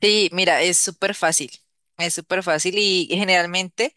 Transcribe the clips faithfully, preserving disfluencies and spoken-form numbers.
Sí, mira, es súper fácil, es súper fácil y generalmente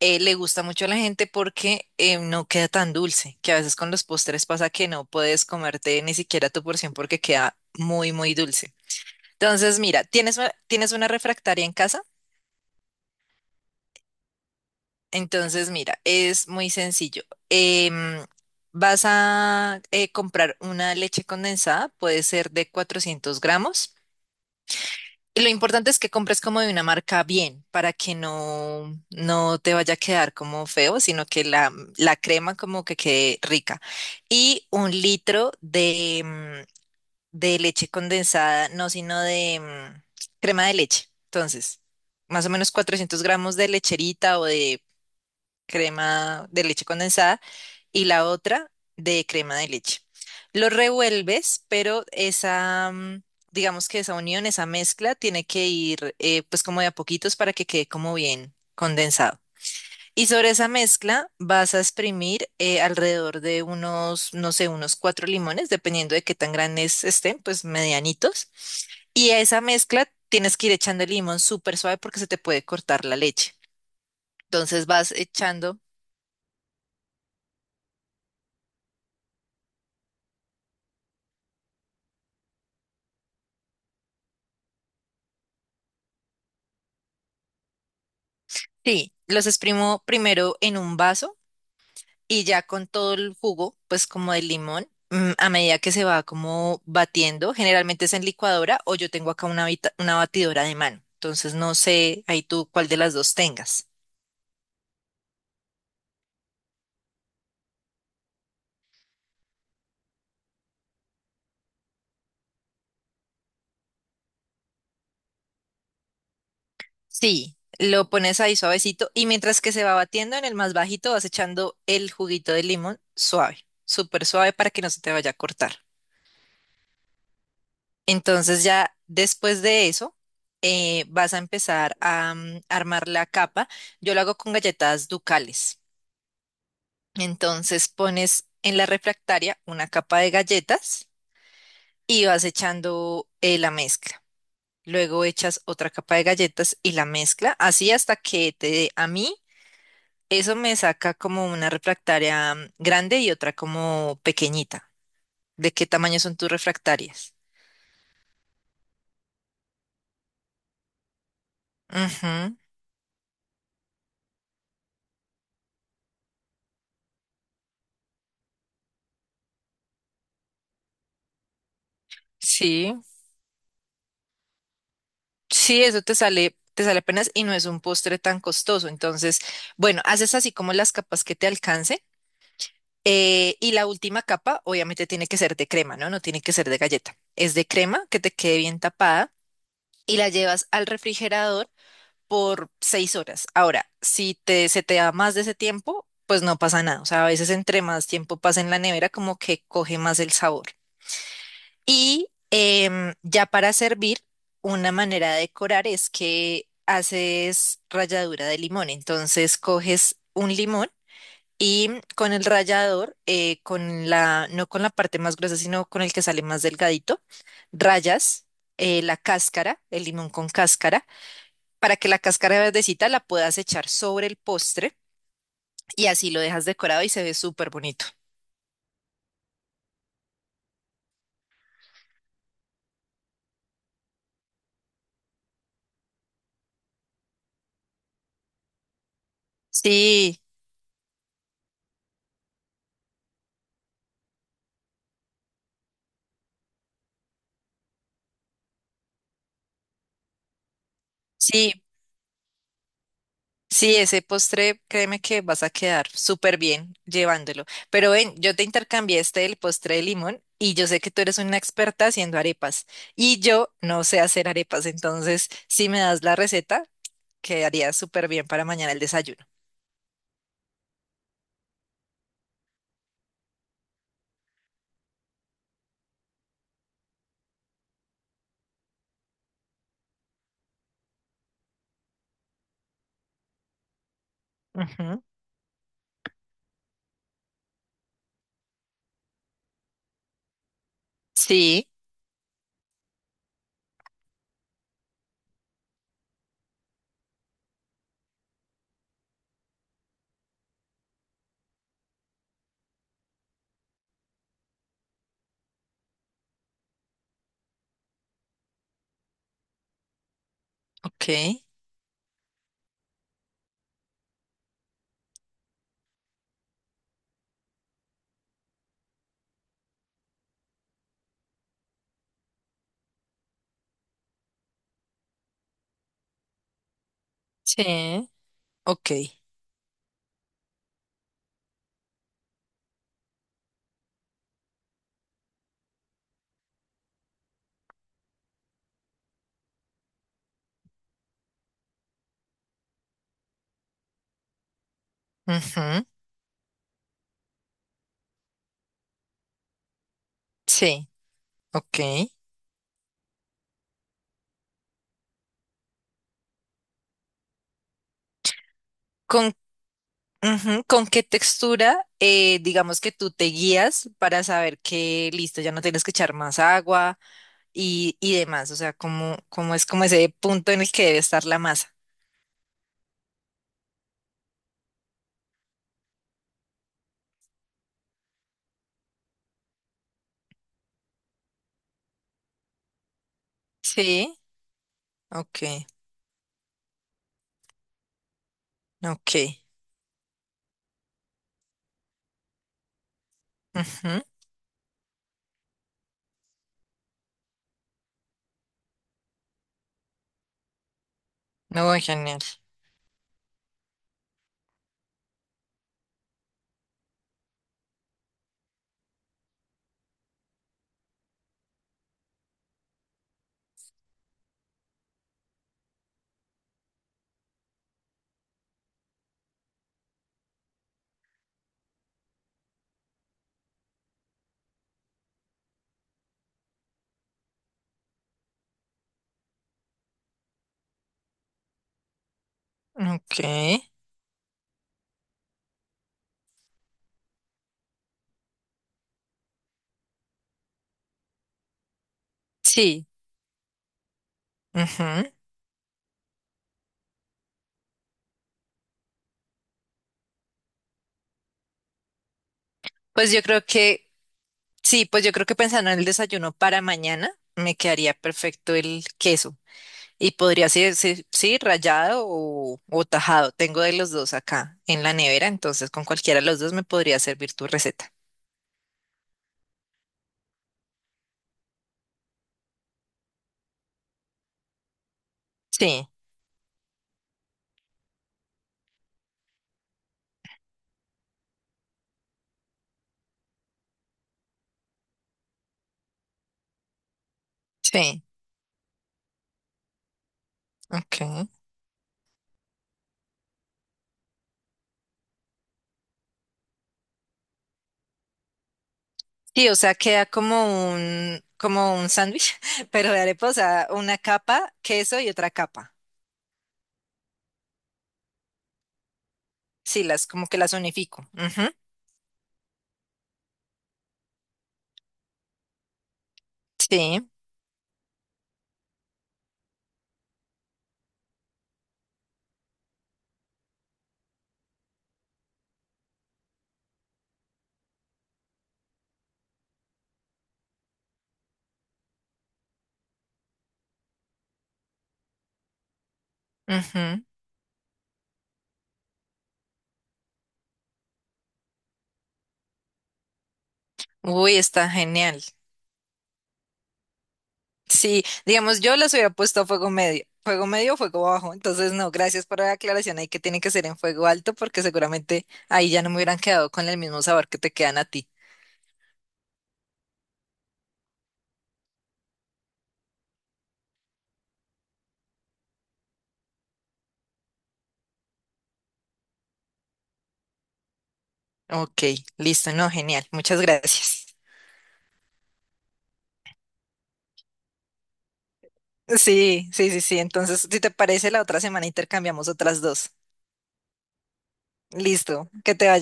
eh, le gusta mucho a la gente porque eh, no queda tan dulce, que a veces con los postres pasa que no puedes comerte ni siquiera tu porción porque queda muy, muy dulce. Entonces, mira, ¿tienes una, tienes una refractaria en casa? Entonces, mira, es muy sencillo. Em, Vas a eh, comprar una leche condensada, puede ser de cuatrocientos gramos. Y lo importante es que compres como de una marca bien, para que no, no te vaya a quedar como feo, sino que la, la crema como que quede rica. Y un litro de, mm, de leche condensada, no, sino de mm, crema de leche. Entonces, más o menos cuatrocientos gramos de lecherita o de crema de leche condensada y la otra de crema de leche. Lo revuelves, pero esa, mm, digamos que esa unión, esa mezcla tiene que ir eh, pues como de a poquitos para que quede como bien condensado. Y sobre esa mezcla vas a exprimir eh, alrededor de unos, no sé, unos cuatro limones, dependiendo de qué tan grandes estén, pues medianitos. Y a esa mezcla tienes que ir echando el limón súper suave porque se te puede cortar la leche. Entonces vas echando. Sí, los exprimo primero en un vaso y ya con todo el jugo, pues como del limón, mm, a medida que se va como batiendo, generalmente es en licuadora o yo tengo acá una, bita- una batidora de mano. Entonces no sé ahí tú cuál de las dos tengas. Sí, lo pones ahí suavecito y mientras que se va batiendo en el más bajito vas echando el juguito de limón suave, súper suave para que no se te vaya a cortar. Entonces ya después de eso, eh, vas a empezar a mm, armar la capa. Yo lo hago con galletas ducales. Entonces pones en la refractaria una capa de galletas y vas echando eh, la mezcla. Luego echas otra capa de galletas y la mezcla, así hasta que te dé. A mí eso me saca como una refractaria mm, grande y otra como pequeñita. ¿De qué tamaño son tus refractarias? Ujú. Sí. Sí, eso te sale, te sale apenas y no es un postre tan costoso. Entonces, bueno, haces así como las capas que te alcance. eh, y la última capa, obviamente, tiene que ser de crema, ¿no? No tiene que ser de galleta. Es de crema que te quede bien tapada y la llevas al refrigerador por seis horas. Ahora, si te, se te da más de ese tiempo, pues no pasa nada. O sea, a veces entre más tiempo pasa en la nevera, como que coge más el sabor. Y em, ya para servir, una manera de decorar es que haces ralladura de limón. Entonces coges un limón y con el rallador, eh, con la, no con la parte más gruesa, sino con el que sale más delgadito, rayas eh, la cáscara, el limón con cáscara, para que la cáscara verdecita la puedas echar sobre el postre y así lo dejas decorado y se ve súper bonito. Sí, sí, sí, ese postre, créeme que vas a quedar súper bien llevándolo. Pero ven, yo te intercambié este el postre de limón y yo sé que tú eres una experta haciendo arepas y yo no sé hacer arepas, entonces si me das la receta, quedaría súper bien para mañana el desayuno. Ujú. Sí, ok. Sí, ok. Ujú. Sí, ok. ¿Con Ujú. ¿Con qué textura, eh, digamos que tú te guías para saber que listo, ya no tienes que echar más agua y, y demás? O sea, ¿cómo, cómo es como ese punto en el que debe estar la masa? Sí, ok, ok. Ujú. No, genial. Ok, sí. Ujú. Pues yo creo que, sí, pues yo creo que pensando en el desayuno para mañana, me quedaría perfecto el queso. Y podría ser, sí, sí, rallado o, o tajado. Tengo de los dos acá en la nevera, entonces con cualquiera de los dos me podría servir tu receta. Sí, sí, ok. Sí, o sea, queda como un, como un sándwich, pero de arepa, o sea, una capa, queso y otra capa. Sí, las como que las unifico. Ujú. Sí. Ujú. Uy, está genial. Sí, digamos, yo les hubiera puesto fuego medio, fuego medio o fuego bajo, entonces no, gracias por la aclaración ahí que tiene que ser en fuego alto porque seguramente ahí ya no me hubieran quedado con el mismo sabor que te quedan a ti. Ok, listo, no, genial, muchas gracias. Sí, sí, sí, sí, entonces si te parece la otra semana intercambiamos otras dos. Listo, que te vaya.